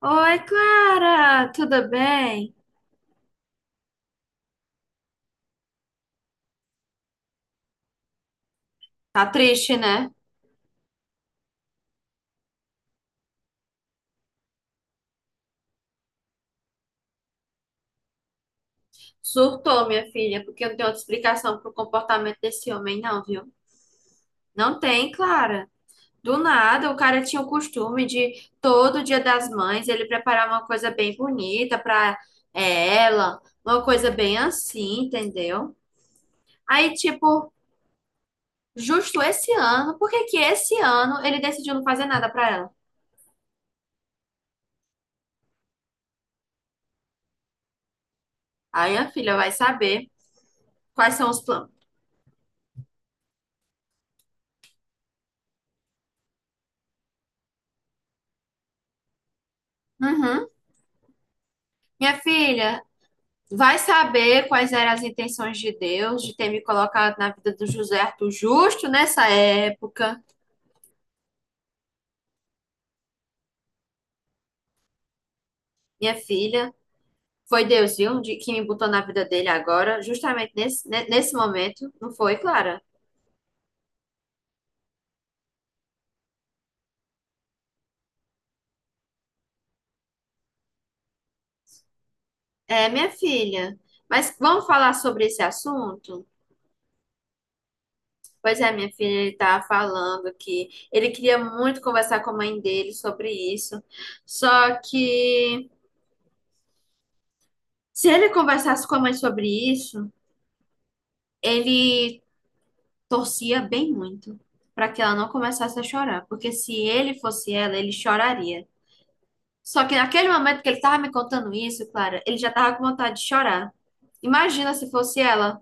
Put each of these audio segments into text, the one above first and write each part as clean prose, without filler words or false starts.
Oi, Clara, tudo bem? Tá triste, né? Surtou, minha filha, porque não tem outra explicação pro comportamento desse homem, não, viu? Não tem, Clara. Do nada, o cara tinha o costume de todo Dia das Mães ele preparar uma coisa bem bonita pra é, ela, uma coisa bem assim, entendeu? Aí, tipo, justo esse ano, por que que esse ano ele decidiu não fazer nada pra ela? Aí, minha filha vai saber quais são os planos. Uhum. Minha filha, vai saber quais eram as intenções de Deus de ter me colocado na vida do José Arthur justo nessa época, minha filha. Foi Deus, viu, que me botou na vida dele agora, justamente nesse, nesse momento, não foi, Clara? É, minha filha. Mas vamos falar sobre esse assunto? Pois é, minha filha, ele tá falando que ele queria muito conversar com a mãe dele sobre isso. Só que se ele conversasse com a mãe sobre isso, ele torcia bem muito para que ela não começasse a chorar, porque se ele fosse ela, ele choraria. Só que naquele momento que ele estava me contando isso, Clara, ele já estava com vontade de chorar. Imagina se fosse ela.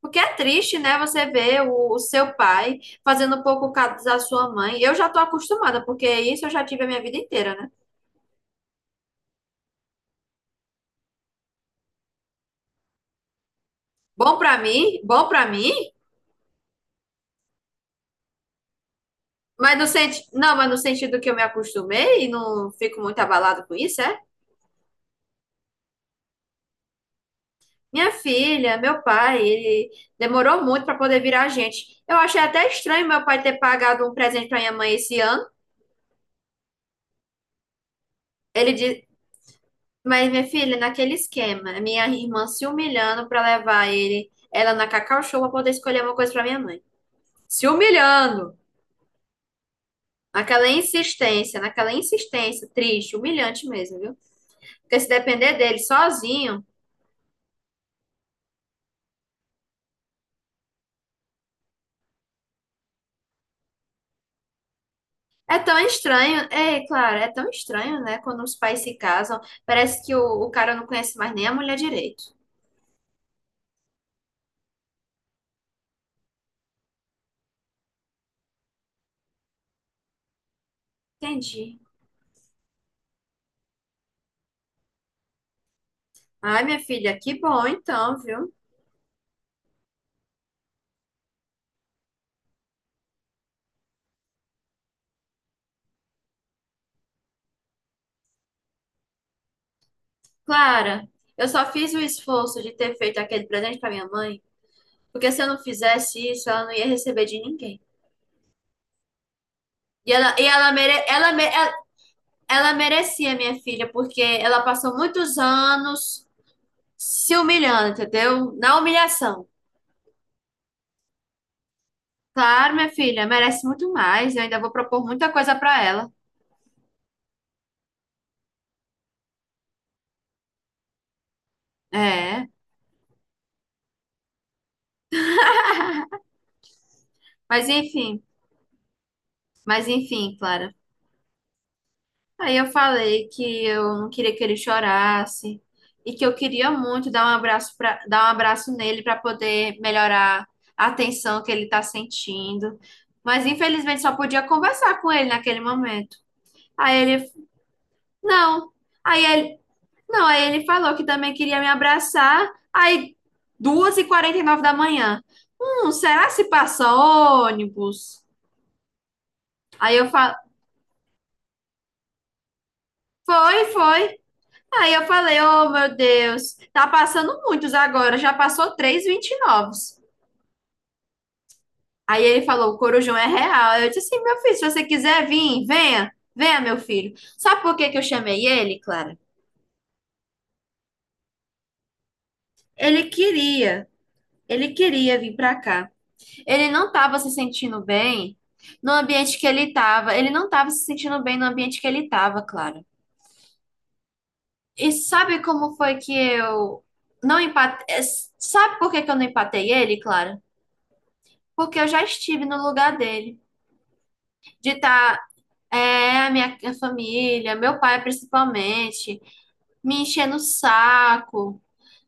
Porque é triste, né? Você ver o seu pai fazendo pouco caso da sua mãe. Eu já tô acostumada, porque isso eu já tive a minha vida inteira, né? Bom pra mim, não, mas no sentido que eu me acostumei e não fico muito abalado com isso, é? Minha filha, meu pai, ele demorou muito para poder virar gente. Eu achei até estranho meu pai ter pagado um presente para minha mãe esse ano. Ele disse, mas minha filha, naquele esquema, minha irmã se humilhando para levar ele, ela na Cacau Show para poder escolher uma coisa para minha mãe. Se humilhando. Naquela insistência, triste, humilhante mesmo, viu? Porque se depender dele sozinho, é tão estranho, é claro, é tão estranho, né? Quando os pais se casam, parece que o cara não conhece mais nem a mulher direito. Entendi. Ai, minha filha, que bom então, viu? Clara, eu só fiz o esforço de ter feito aquele presente para minha mãe, porque se eu não fizesse isso, ela não ia receber de ninguém. E ela, e ela, mere, ela, me- ela, ela merecia, minha filha, porque ela passou muitos anos se humilhando, entendeu? Na humilhação. Claro, minha filha, merece muito mais. Eu ainda vou propor muita coisa para ela. É, mas enfim, mas enfim, Clara. Aí eu falei que eu não queria que ele chorasse e que eu queria muito dar um abraço nele para poder melhorar a tensão que ele está sentindo. Mas infelizmente só podia conversar com ele naquele momento. Aí ele, não. Aí ele, não, aí ele falou que também queria me abraçar. Aí 2:49 da manhã. Será que se passa ônibus? Aí eu falo, foi, foi. Aí eu falei, oh meu Deus, tá passando muitos agora, já passou três 20 novos. Aí ele falou, o Corujão é real. Eu disse assim, meu filho, se você quiser vir, venha, venha, meu filho. Sabe por que que eu chamei ele, Clara? Ele queria, ele queria vir pra cá. Ele não tava se sentindo bem no ambiente que ele tava. Ele não tava se sentindo bem no ambiente que ele tava, Clara. E sabe como foi que eu não empatei? Sabe por que que eu não empatei ele, Clara? Porque eu já estive no lugar dele, de estar, é, a família, meu pai principalmente, me enchendo o saco,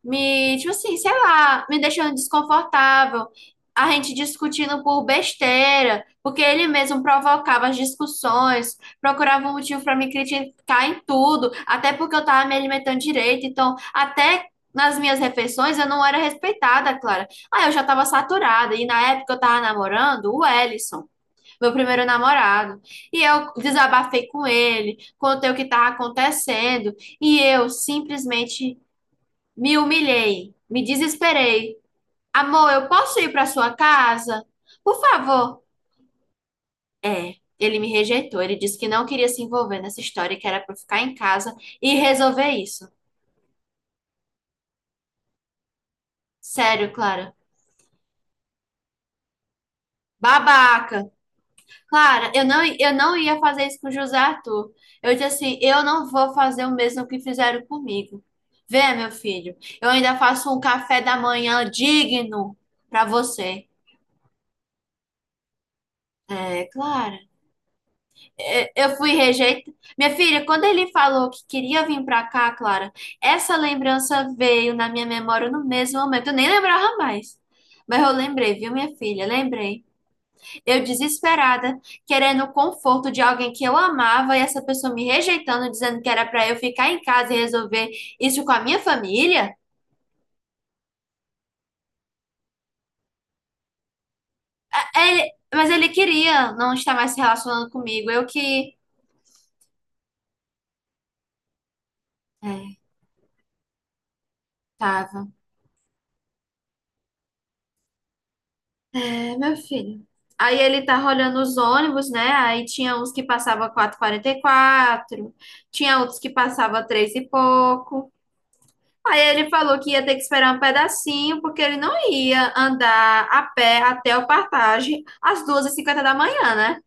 me, tipo assim, sei lá, me deixando desconfortável, a gente discutindo por besteira, porque ele mesmo provocava as discussões, procurava um motivo para me criticar em tudo, até porque eu tava me alimentando direito, então até nas minhas refeições eu não era respeitada, Clara. Ah, eu já tava saturada e na época eu tava namorando o Ellison, meu primeiro namorado. E eu desabafei com ele, contei o que estava acontecendo, e eu simplesmente me humilhei, me desesperei. Amor, eu posso ir para sua casa? Por favor. É. Ele me rejeitou, ele disse que não queria se envolver nessa história, que era para eu ficar em casa e resolver isso. Sério, Clara. Babaca. Clara, eu não ia fazer isso com o José Arthur. Eu disse assim, eu não vou fazer o mesmo que fizeram comigo. Vê, meu filho, eu ainda faço um café da manhã digno para você. É, Clara, é, eu fui rejeitada. Minha filha, quando ele falou que queria vir para cá, Clara, essa lembrança veio na minha memória no mesmo momento. Eu nem lembrava mais. Mas eu lembrei, viu, minha filha? Lembrei. Eu desesperada, querendo o conforto de alguém que eu amava e essa pessoa me rejeitando, dizendo que era para eu ficar em casa e resolver isso com a minha família. Mas ele queria não estar mais se relacionando comigo. Eu que. É, tava. É, meu filho. Aí ele tava olhando os ônibus, né? Aí tinha uns que passava 4:44, tinha outros que passava 3 e pouco. Aí ele falou que ia ter que esperar um pedacinho, porque ele não ia andar a pé até o Partage às 2 e cinquenta da manhã, né?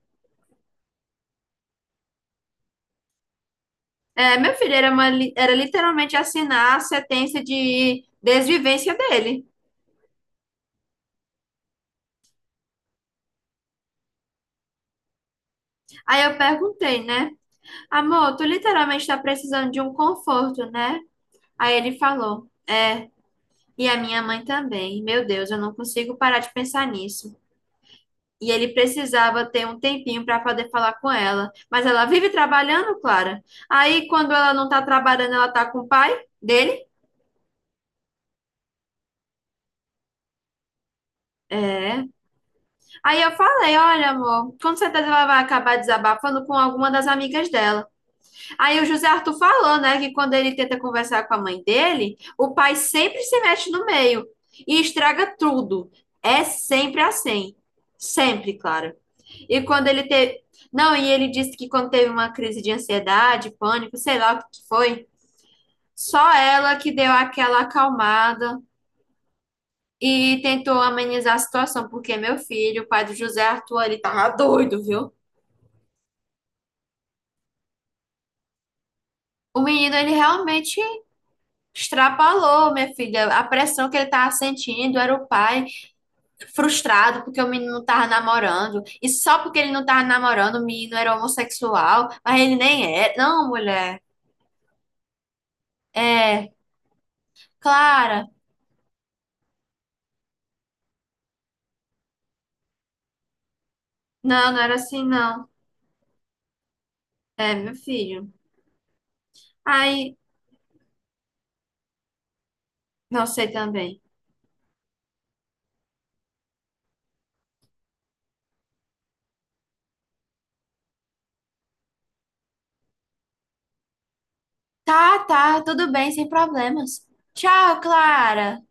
É, meu filho, era, era literalmente assinar a sentença de desvivência dele. Aí eu perguntei, né? Amor, tu literalmente tá precisando de um conforto, né? Aí ele falou, é, e a minha mãe também. Meu Deus, eu não consigo parar de pensar nisso. E ele precisava ter um tempinho para poder falar com ela. Mas ela vive trabalhando, Clara. Aí, quando ela não tá trabalhando, ela tá com o pai dele. É. Aí eu falei: olha, amor, com certeza ela vai acabar desabafando com alguma das amigas dela. Aí o José Arthur falou, né, que quando ele tenta conversar com a mãe dele, o pai sempre se mete no meio e estraga tudo. É sempre assim. Sempre, Clara. E quando ele teve. Não, e ele disse que quando teve uma crise de ansiedade, pânico, sei lá o que que foi, só ela que deu aquela acalmada e tentou amenizar a situação, porque meu filho, o pai do José Arthur, ele tava doido, viu? O menino, ele realmente extrapolou, minha filha. A pressão que ele tava sentindo era o pai frustrado porque o menino não tava namorando. E só porque ele não tava namorando, o menino era homossexual, mas ele nem é. Não, mulher. É, Clara. Não, não era assim, não. É, meu filho. Aí, não sei também. Tá, tá, tudo bem, sem problemas. Tchau, Clara.